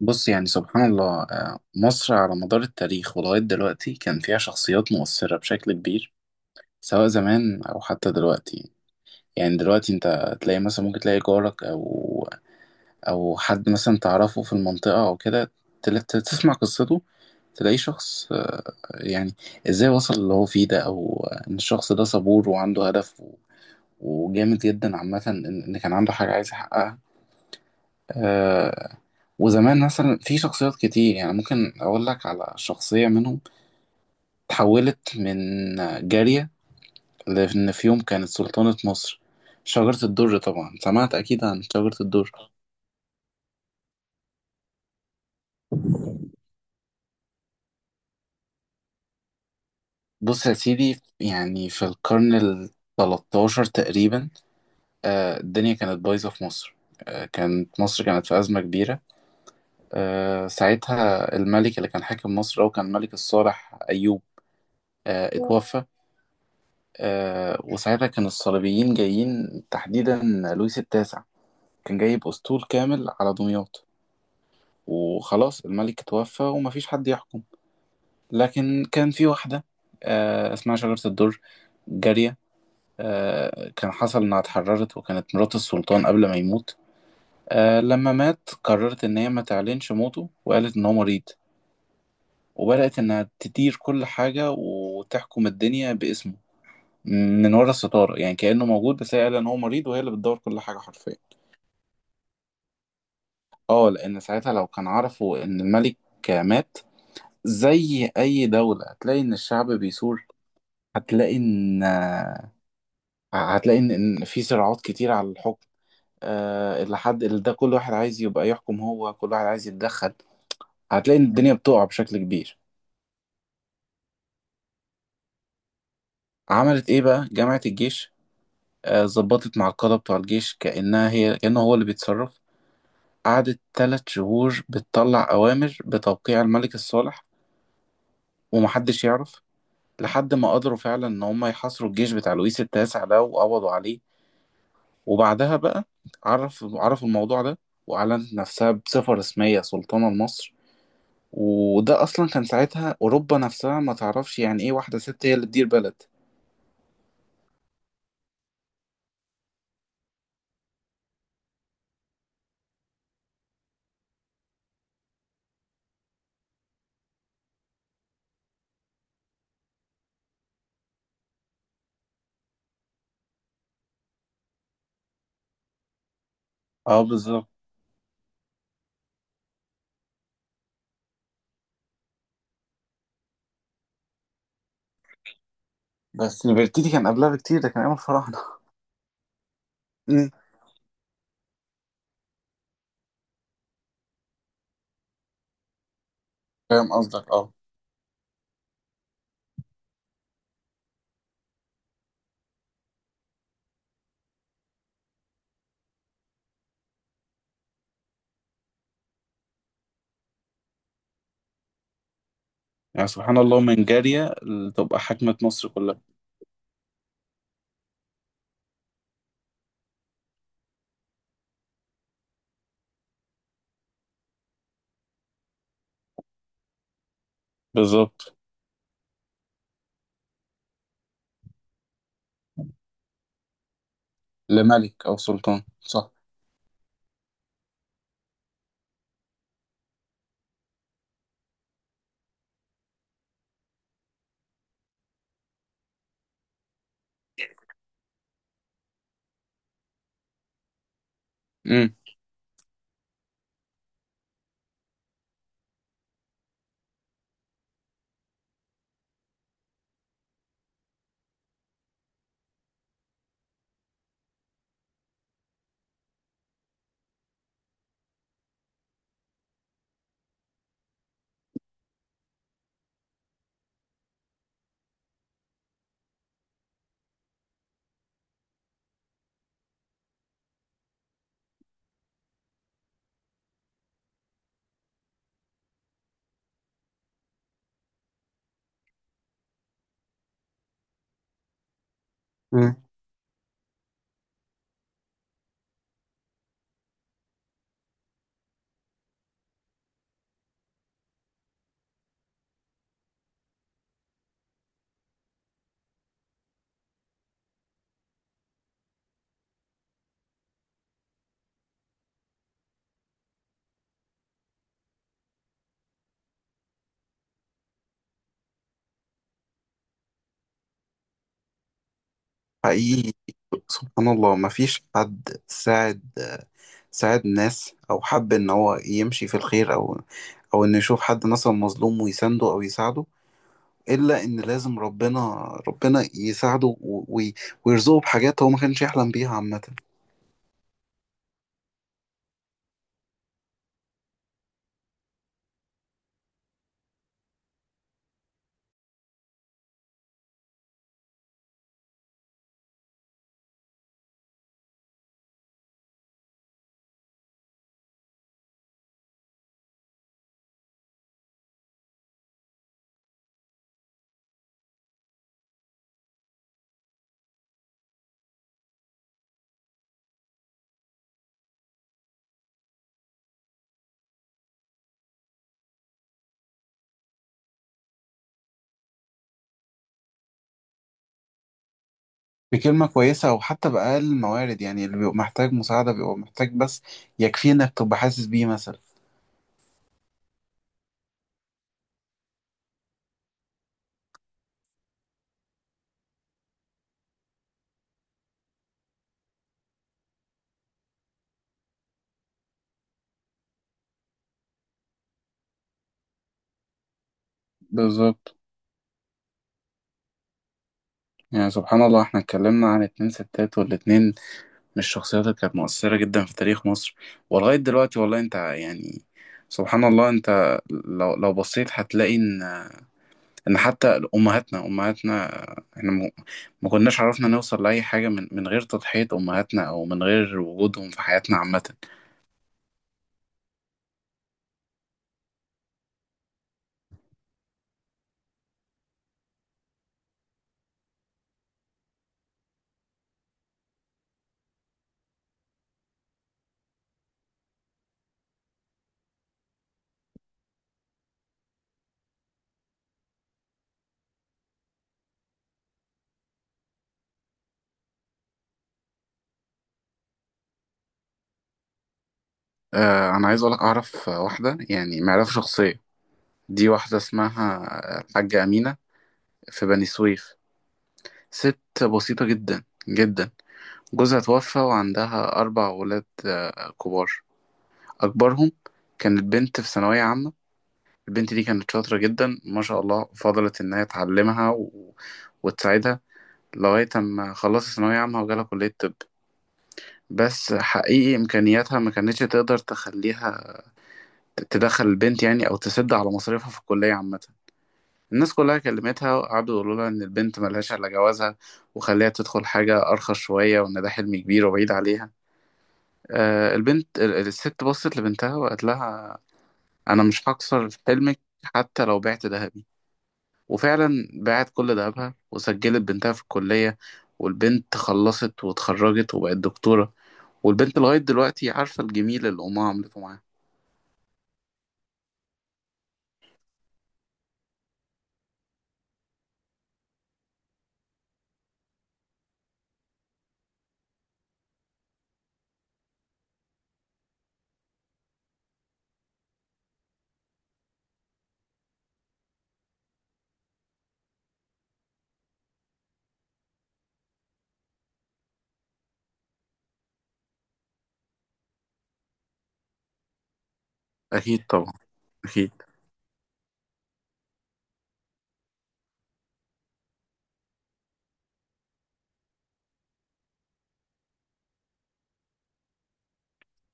بص، يعني سبحان الله، مصر على مدار التاريخ ولغاية دلوقتي كان فيها شخصيات مؤثرة بشكل كبير. سواء زمان أو حتى دلوقتي. يعني دلوقتي أنت تلاقي مثلا، ممكن تلاقي جارك أو حد مثلا تعرفه في المنطقة أو كده. تسمع قصته. تلاقي شخص، يعني إزاي وصل اللي هو فيه ده، أو إن الشخص ده صبور وعنده هدف وجامد جدا. عامة، إن كان عنده حاجة عايز يحققها آه وزمان مثلا في شخصيات كتير، يعني ممكن أقول لك على شخصية منهم تحولت من جارية، لأن في يوم كانت سلطانة مصر. شجرة الدر، طبعا سمعت أكيد عن شجرة الدر. بص يا سيدي، يعني في القرن ال 13 تقريبا. الدنيا كانت بايظة في مصر. كانت في أزمة كبيرة. ساعتها الملك اللي كان حاكم مصر، هو كان الملك الصالح أيوب. اتوفى. وساعتها كان الصليبيين جايين، تحديدا لويس التاسع. كان جايب أسطول كامل على دمياط. وخلاص، الملك توفى ومفيش حد يحكم. لكن كان في واحدة، اسمها شجرة الدر. جارية، كان حصل إنها اتحررت، وكانت مرات السلطان قبل ما يموت. لما مات، قررت إن هي ما تعلنش موته، وقالت إن هو مريض. وبدأت إنها تدير كل حاجة وتحكم الدنيا باسمه، من ورا الستارة. يعني كأنه موجود، بس هي قال إن هو مريض، وهي اللي بتدور كل حاجة حرفيا. اه، لأن ساعتها لو كان عرفوا إن الملك مات، زي أي دولة هتلاقي إن الشعب بيثور. هتلاقي إن هتلاقي إن في صراعات كتير على الحكم. اللي حد اللي ده، كل واحد عايز يبقى يحكم، هو كل واحد عايز يتدخل. هتلاقي إن الدنيا بتقع بشكل كبير. عملت إيه بقى؟ جامعة الجيش. ظبطت مع القادة بتوع الجيش، كأنه هو اللي بيتصرف. قعدت تلات شهور بتطلع أوامر بتوقيع الملك الصالح، ومحدش يعرف. لحد ما قدروا فعلا إن هم يحاصروا الجيش بتاع لويس التاسع ده، وقبضوا عليه. وبعدها بقى عرفوا الموضوع ده. وأعلنت نفسها بصفة رسمية سلطانة لمصر. وده أصلا كان ساعتها أوروبا نفسها ما تعرفش يعني إيه واحدة ست هي اللي تدير بلد. اه، بالظبط. بس البرتيتي كان قبلها بكتير، ده كان أيام الفراعنة. أمم. فاهم قصدك، اه. يعني سبحان الله، من جارية تبقى حاكمة مصر كلها. بالظبط. لملك أو سلطان، صح. امم. مم. حقيقي، سبحان الله، مفيش حد ساعد ناس، او حب ان هو يمشي في الخير، او ان يشوف حد مثلا مظلوم ويسنده او يساعده، الا ان لازم ربنا، يساعده ويرزقه بحاجات هو ما كانش يحلم بيها عامة. بكلمة كويسة، او حتى بأقل الموارد. يعني اللي بيبقى محتاج مساعدة، بيبقى محتاج بس يكفيه انك تبقى حاسس بيه مثلا. بالظبط. يعني سبحان الله، احنا اتكلمنا عن اتنين ستات، والاتنين مش الشخصيات اللي كانت مؤثرة جدا في تاريخ مصر ولغاية دلوقتي. والله انت، يعني سبحان الله، انت لو بصيت هتلاقي ان حتى امهاتنا، امهاتنا احنا ما كناش عرفنا نوصل لاي حاجة من غير تضحية امهاتنا، او من غير وجودهم في حياتنا عامة. اه، انا عايز اقولك، اعرف واحدة يعني معرفة شخصية. دي واحدة اسمها الحاجة أمينة، في بني سويف. ست بسيطة جدا جدا. جوزها توفى وعندها أربع ولاد كبار. أكبرهم كانت بنت في ثانوية عامة. البنت دي كانت شاطرة جدا ما شاء الله. فضلت إن هي تعلمها وتساعدها لغاية أما خلصت ثانوية عامة وجالها كلية طب. بس حقيقي إمكانياتها ما كانتش تقدر تخليها تدخل البنت، يعني، أو تسد على مصاريفها في الكلية عامة. الناس كلها كلمتها، وقعدوا يقولوا لها إن البنت ملهاش إلا جوازها، وخليها تدخل حاجة أرخص شوية، وإن ده حلم كبير وبعيد عليها. الست بصت لبنتها وقالت لها: انا مش هكسر حلمك حتى لو بعت ذهبي. وفعلا باعت كل ذهبها وسجلت بنتها في الكلية. والبنت خلصت واتخرجت وبقت دكتورة. والبنت لغاية دلوقتي عارفة الجميل اللي أمها عملته معاها. أكيد طبعا. أكيد.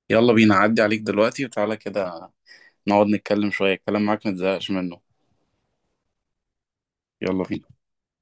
يلا بينا، عدي عليك دلوقتي وتعالى كده نقعد نتكلم شوية، الكلام معاك متزهقش منه. يلا بينا.